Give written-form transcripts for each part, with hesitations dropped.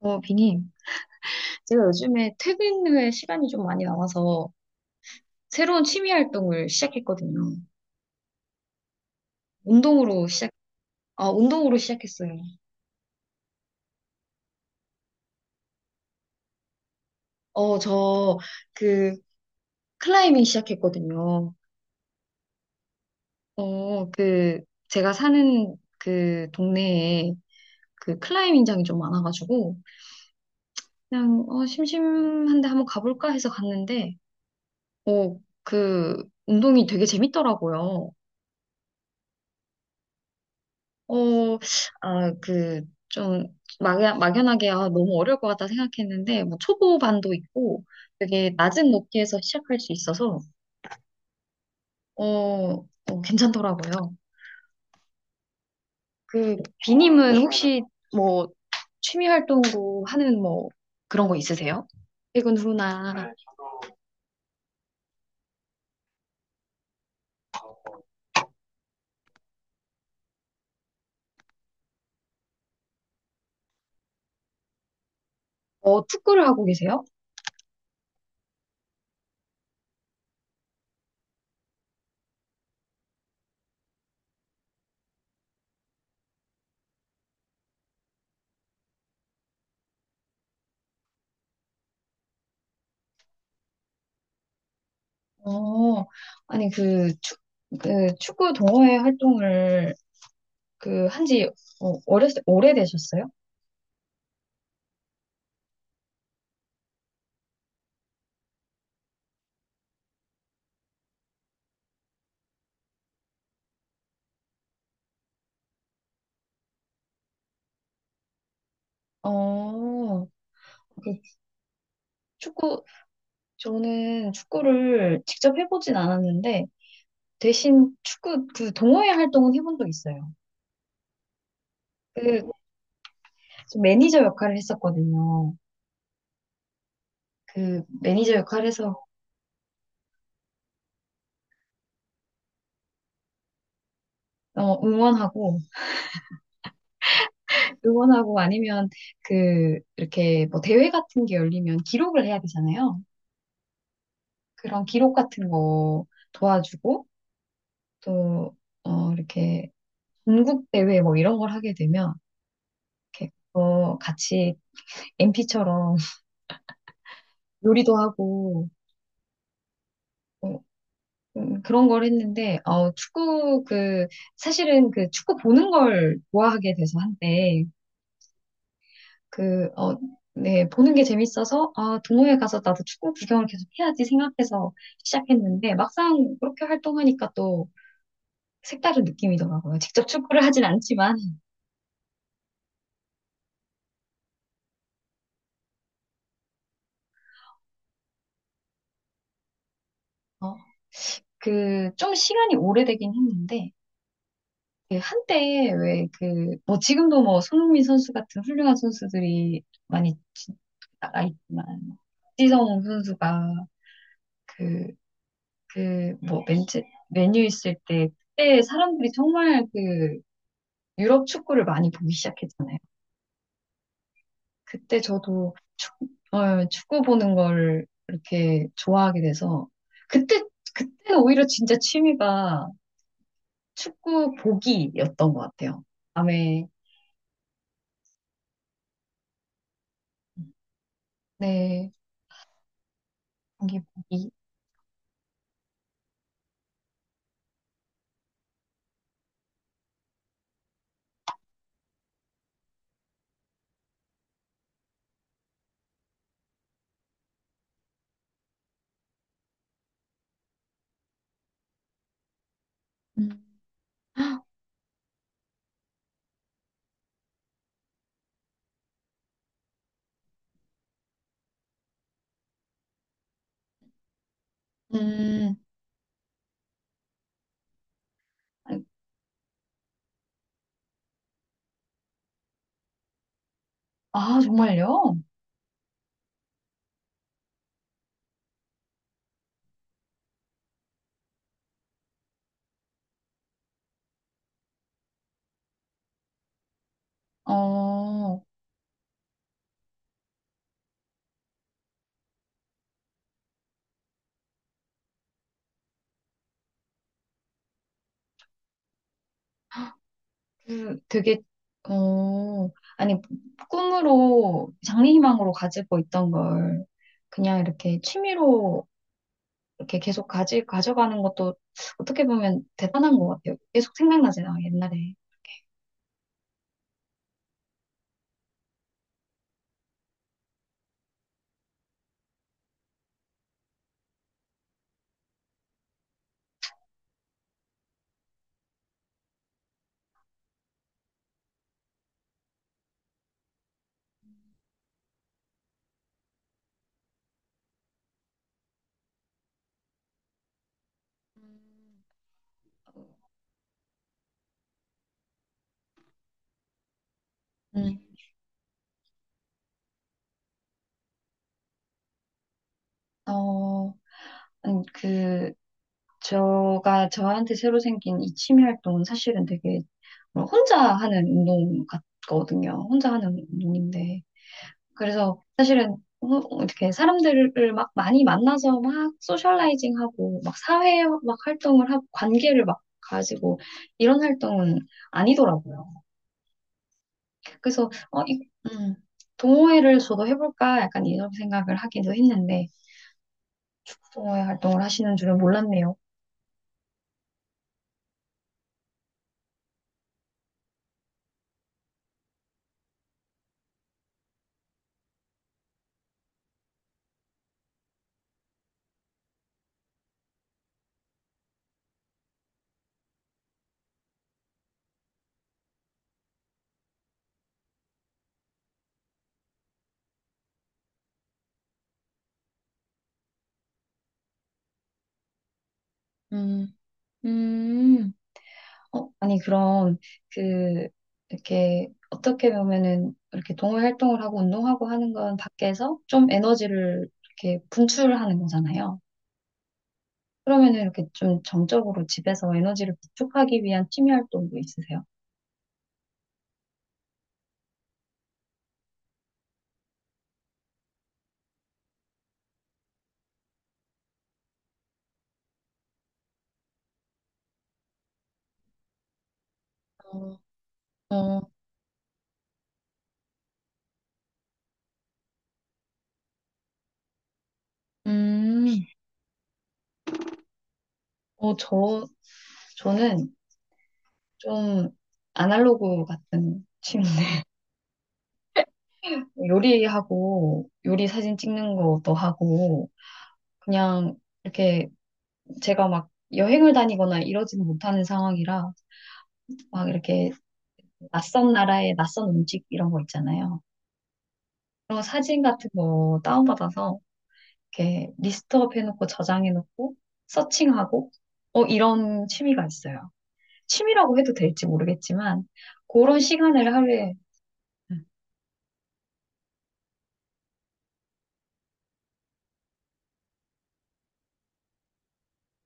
비님, 제가 요즘에 퇴근 후에 시간이 좀 많이 남아서 새로운 취미 활동을 시작했거든요. 운동으로 시작, 운동으로 시작했어요. 어, 저, 그, 클라이밍 시작했거든요. 어, 그, 제가 사는 그 동네에 그 클라이밍장이 좀 많아가지고, 심심한데 한번 가볼까 해서 갔는데, 어, 그, 운동이 되게 재밌더라고요. 어, 아, 그, 좀, 막연하게, 아, 너무 어려울 것 같다 생각했는데, 뭐, 초보반도 있고, 되게 낮은 높이에서 시작할 수 있어서, 어, 괜찮더라고요. 그, 비님은 혹시, 뭐, 취미 활동으로 하는 뭐, 그런 거 있으세요? 퇴근 후나, 어, 축구를 하고 계세요? 어, 아니, 그, 축, 그, 축구 동호회 활동을, 한지, 어, 어렸을 때 오래되셨어요? 어, 그 축구, 저는 축구를 직접 해보진 않았는데, 대신 축구 그 동호회 활동은 해본 적 있어요. 그 매니저 역할을 했었거든요. 그 매니저 역할에서 응원하고, 응원하고 아니면 그 이렇게 뭐 대회 같은 게 열리면 기록을 해야 되잖아요. 그런 기록 같은 거 도와주고, 또, 이렇게 전국 대회 뭐 이런 걸 하게 되면, 이렇게 어, 같이 MP처럼 요리도 하고, 어, 그런 걸 했는데, 사실은 그 축구 보는 걸 좋아하게 돼서 한때, 그, 어, 네, 보는 게 재밌어서, 아, 동호회 가서 나도 축구 구경을 계속 해야지 생각해서 시작했는데, 막상 그렇게 활동하니까 또 색다른 느낌이더라고요. 직접 축구를 하진 않지만, 어, 좀 시간이 오래되긴 했는데, 그 한때 왜 그, 뭐 지금도 뭐 손흥민 선수 같은 훌륭한 선수들이 많이 나가 있지만, 박지성 선수가 그, 그, 뭐, 맨체, 메뉴 있을 때, 그때 사람들이 정말 그, 유럽 축구를 많이 보기 시작했잖아요. 그때 저도 축, 어, 축구 보는 걸 이렇게 좋아하게 돼서, 그때, 그때는 오히려 진짜 취미가 축구 보기였던 것 같아요. 밤에, 네, 경기 보기. 음. 음, 아, 정말요? 어, 그 되게 어 아니 꿈으로 장래희망으로 가지고 있던 걸 그냥 이렇게 취미로 이렇게 계속 가지 가져가는 것도 어떻게 보면 대단한 것 같아요. 계속 생각나잖아 옛날에. 음, 어, 아니, 그, 저가 저한테 새로 생긴 이 취미 활동은 사실은 되게 혼자 하는 운동 같거든요. 혼자 하는 운동인데, 그래서 사실은 어, 이렇게 사람들을 막 많이 만나서 막 소셜라이징하고 막 사회 막 활동을 하고 관계를 막 가지고 이런 활동은 아니더라고요. 그래서 어, 이, 음, 동호회를 저도 해볼까 약간 이런 생각을 하기도 했는데 동호회 활동을 하시는 줄은 몰랐네요. 음, 음. 어, 아니, 그럼, 그, 이렇게, 어떻게 보면은, 이렇게 동호회 활동을 하고 운동하고 하는 건 밖에서 좀 에너지를 이렇게 분출하는 거잖아요. 그러면은 이렇게 좀 정적으로 집에서 에너지를 구축하기 위한 취미 활동도 있으세요? 어, 어, 음, 어, 저, 저는 좀 아날로그 같은 취미인데, 요리하고, 요리 사진 찍는 것도 하고, 그냥, 이렇게 제가 막 여행을 다니거나 이러지는 못하는 상황이라 막 이렇게 낯선 나라의 낯선 음식 이런 거 있잖아요. 그런 거 사진 같은 거 다운받아서 이렇게 리스트업 해놓고 저장해놓고 서칭하고 어 이런 취미가 있어요. 취미라고 해도 될지 모르겠지만 그런 시간을 하루에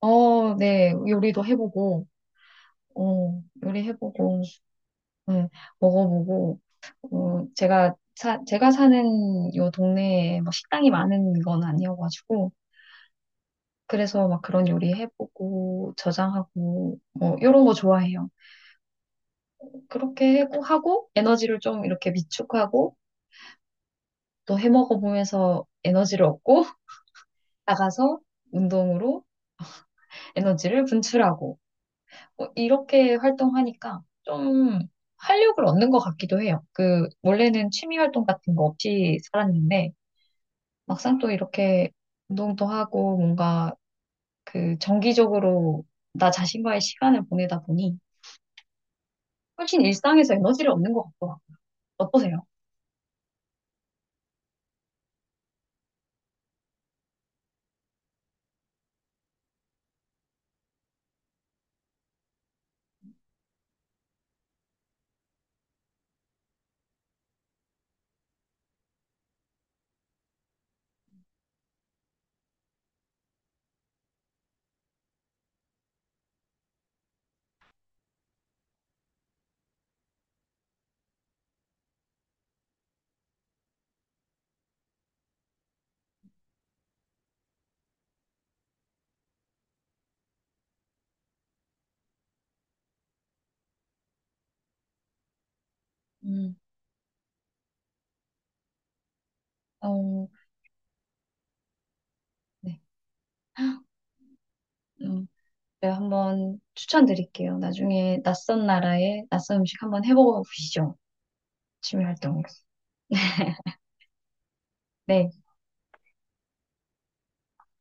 네, 요리도 해보고, 요리해보고, 네, 먹어보고, 제가 사는 요 동네에 뭐 식당이 많은 건 아니어가지고, 그래서 막 그런 요리 해보고, 저장하고, 뭐, 요런 거 좋아해요. 그렇게 하고, 하고 에너지를 좀 이렇게 비축하고, 또 해먹어보면서 에너지를 얻고, 나가서 운동으로 에너지를 분출하고, 뭐 이렇게 활동하니까 좀 활력을 얻는 것 같기도 해요. 그, 원래는 취미 활동 같은 거 없이 살았는데, 막상 또 이렇게 운동도 하고 뭔가 그 정기적으로 나 자신과의 시간을 보내다 보니 훨씬 일상에서 에너지를 얻는 것 같더라고요. 어떠세요? 음, 어, 네. 음, 제가 한번 추천드릴게요. 나중에 낯선 나라의 낯선 음식 한번 해보시죠. 취미 활동으로. 네.